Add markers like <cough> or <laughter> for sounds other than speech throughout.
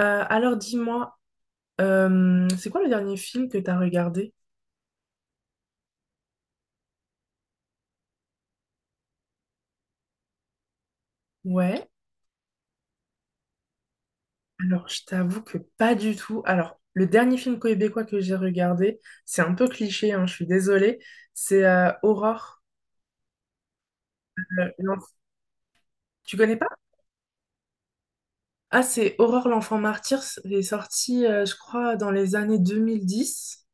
Alors dis-moi, c'est quoi le dernier film que t'as regardé? Ouais, alors je t'avoue que pas du tout. Alors, le dernier film québécois que j'ai regardé, c'est un peu cliché, hein, je suis désolée, c'est Aurore. le- l'enf- Tu connais pas? Ah, c'est Aurore l'enfant martyr, c'est sorti, je crois, dans les années 2010.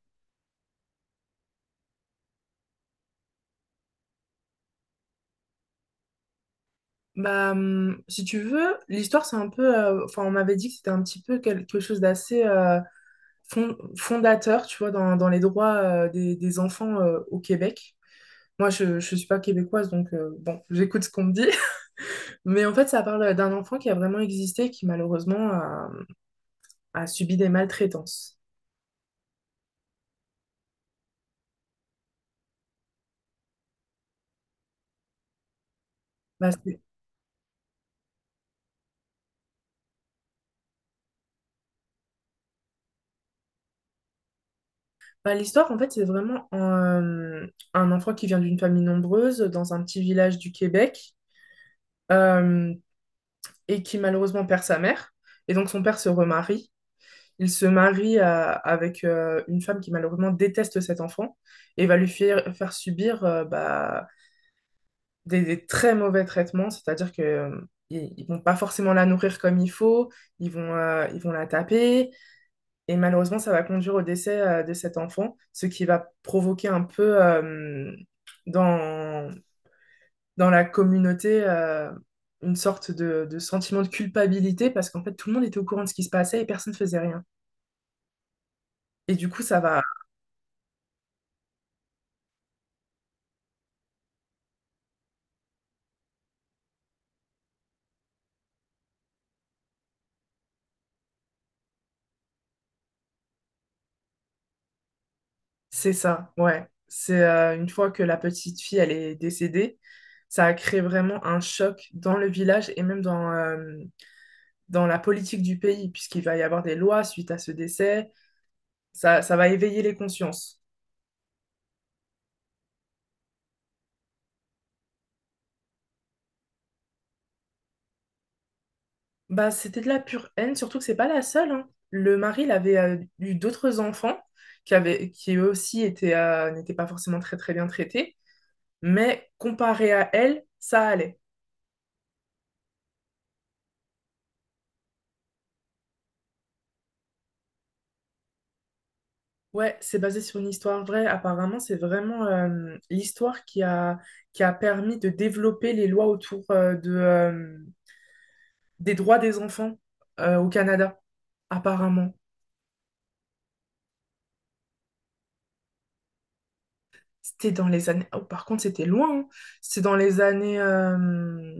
Bah, si tu veux, l'histoire, c'est un peu... Enfin, on m'avait dit que c'était un petit peu quelque chose d'assez... fondateur, tu vois, dans les droits des enfants au Québec. Moi, je ne suis pas québécoise, donc bon, <laughs> j'écoute ce qu'on me dit. <laughs> Mais en fait, ça parle d'un enfant qui a vraiment existé, qui malheureusement a subi des maltraitances. Bah, c'est- Bah, l'histoire, en fait, c'est vraiment un enfant qui vient d'une famille nombreuse, dans un petit village du Québec, euh, et qui malheureusement perd sa mère. Et donc, son père se remarie. Il se marie avec une femme qui malheureusement déteste cet enfant et va lui faire subir bah, des très mauvais traitements, c'est-à-dire que ils vont pas forcément la nourrir comme il faut, ils vont la taper et malheureusement ça va conduire au décès de cet enfant, ce qui va provoquer un peu dans, dans la communauté une sorte de sentiment de culpabilité parce qu'en fait tout le monde était au courant de ce qui se passait et personne ne faisait rien. Et du coup, ça va, c'est ça, ouais. C'est une fois que la petite fille, elle est décédée, ça a créé vraiment un choc dans le village et même dans, dans la politique du pays, puisqu'il va y avoir des lois suite à ce décès. Ça va éveiller les consciences. Bah, c'était de la pure haine, surtout que c'est pas la seule, hein. Le mari, il avait eu d'autres enfants qui avaient, qui eux aussi étaient, n'étaient pas forcément très très bien traités, mais comparé à elle, ça allait. Ouais, c'est basé sur une histoire vraie. Apparemment, c'est vraiment l'histoire qui a permis de développer les lois autour des droits des enfants au Canada. Apparemment. C'était dans les années... Oh, par contre, c'était loin, hein. C'était dans les années...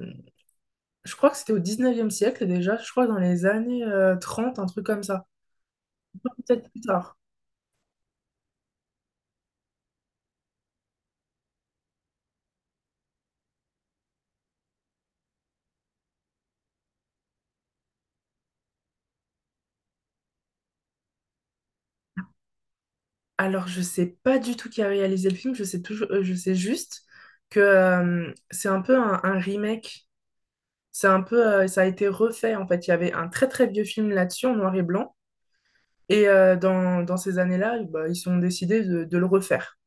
je crois que c'était au 19e siècle déjà. Je crois dans les années 30, un truc comme ça. Peut-être plus tard. Alors, je sais pas du tout qui a réalisé le film. Je sais toujours... je sais juste que c'est un peu un remake. C'est un peu, ça a été refait en fait. Il y avait un très très vieux film là-dessus en noir et blanc. Et dans, dans ces années-là, eh ben, ils ont décidé de le refaire.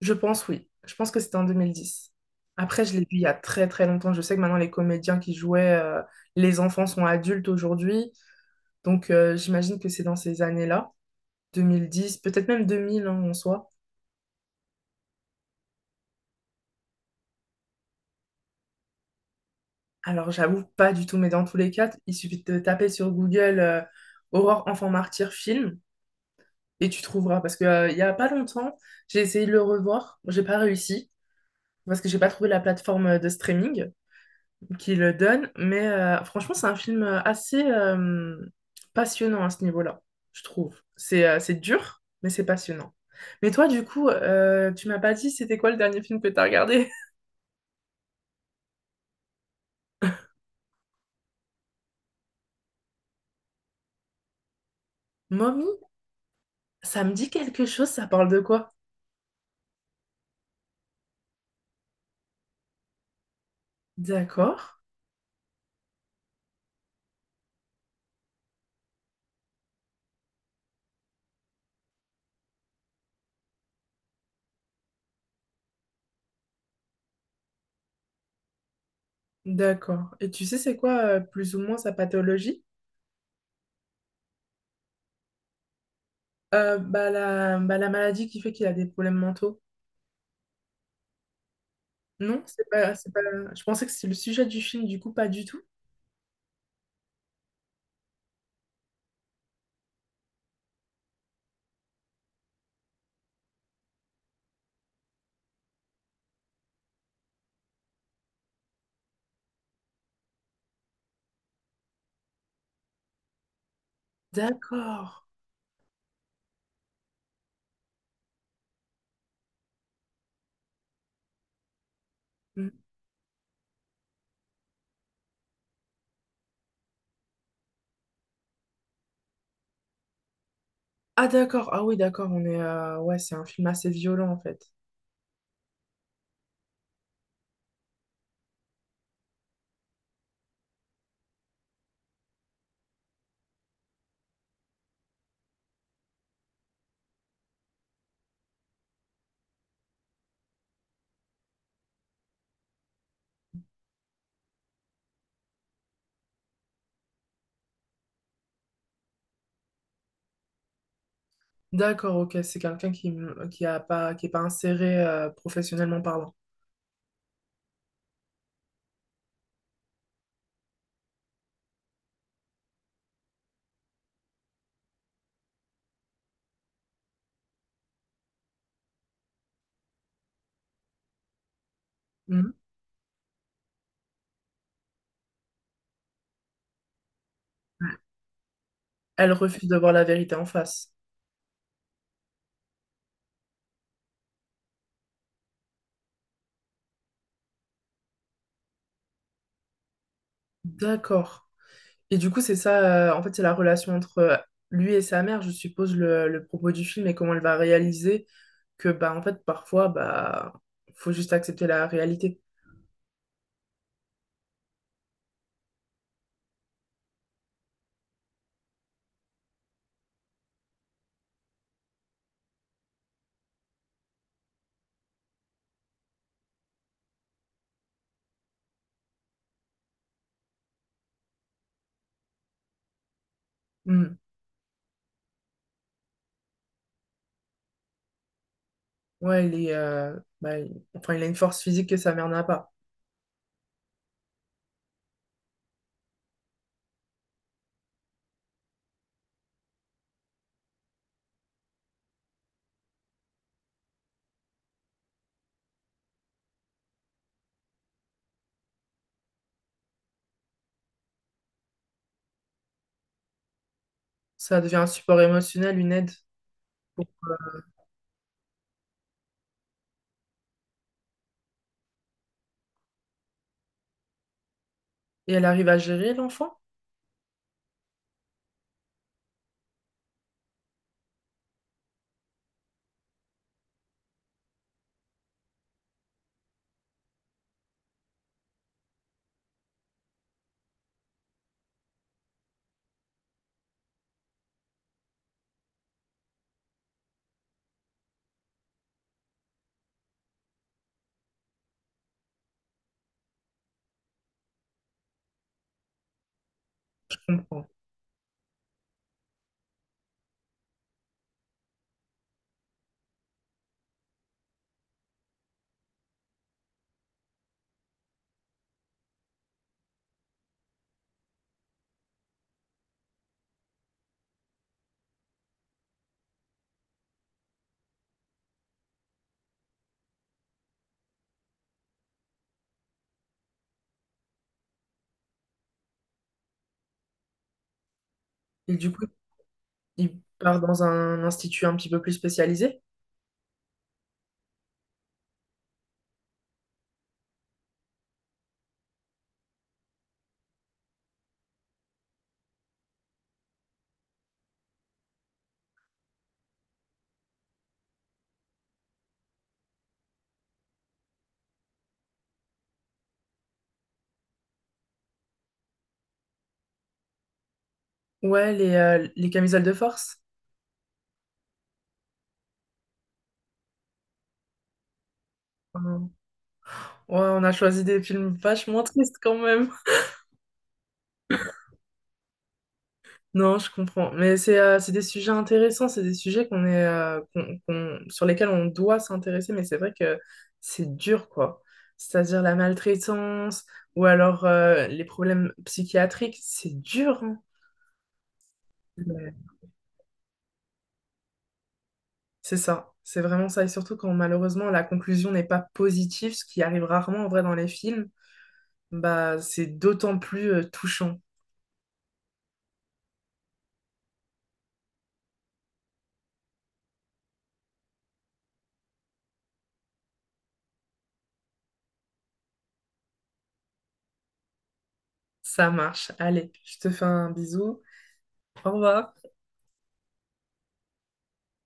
Je pense, oui. Je pense que c'était en 2010. Après, je l'ai vu il y a très très longtemps. Je sais que maintenant, les comédiens qui jouaient, les enfants sont adultes aujourd'hui. Donc, j'imagine que c'est dans ces années-là, 2010, peut-être même 2000, hein, en soi. Alors, j'avoue pas du tout, mais dans tous les cas, il suffit de taper sur Google Aurore enfant martyr film, et tu trouveras. Parce que, il y a pas longtemps, j'ai essayé de le revoir. Bon, j'ai pas réussi parce que j'ai pas trouvé la plateforme de streaming qui le donne. Mais franchement, c'est un film assez passionnant à ce niveau-là, je trouve. C'est dur, mais c'est passionnant. Mais toi, du coup, tu m'as pas dit c'était quoi le dernier film que t'as regardé? <laughs> Mommy, ça me dit quelque chose, ça parle de quoi? D'accord, d'accord. Et tu sais, c'est quoi plus ou moins sa pathologie? La maladie qui fait qu'il a des problèmes mentaux. Non, c'est pas... Je pensais que c'était le sujet du film, du coup, pas du tout. D'accord. Hmm. Ah, d'accord. Ah oui, d'accord, on est... ouais, c'est un film assez violent, en fait. D'accord, ok, c'est quelqu'un qui, mmh, qui est pas inséré professionnellement parlant. Hmm. Elle refuse de voir la vérité en face. D'accord. Et du coup, c'est ça, en fait, c'est la relation entre lui et sa mère, je suppose, le propos du film et comment elle va réaliser que bah en fait parfois bah faut juste accepter la réalité. Mm. Ouais, il est enfin il a une force physique que sa mère n'a pas. Ça devient un support émotionnel, une aide. Et elle arrive à gérer l'enfant? Je comprends. Et du coup, il part dans un institut un petit peu plus spécialisé. Ouais, les camisoles de force. Euh, Ouais, on a choisi des films vachement tristes quand même. Non, je comprends. Mais c'est des sujets intéressants, c'est des sujets qu'on est, qu'on- qu'on- sur lesquels on doit s'intéresser, mais c'est vrai que c'est dur, quoi. C'est-à-dire la maltraitance ou alors les problèmes psychiatriques, c'est dur, hein. Mais c'est ça, c'est vraiment ça. Et surtout quand malheureusement la conclusion n'est pas positive, ce qui arrive rarement en vrai dans les films, bah c'est d'autant plus touchant. Ça marche. Allez, je te fais un bisou. Au revoir.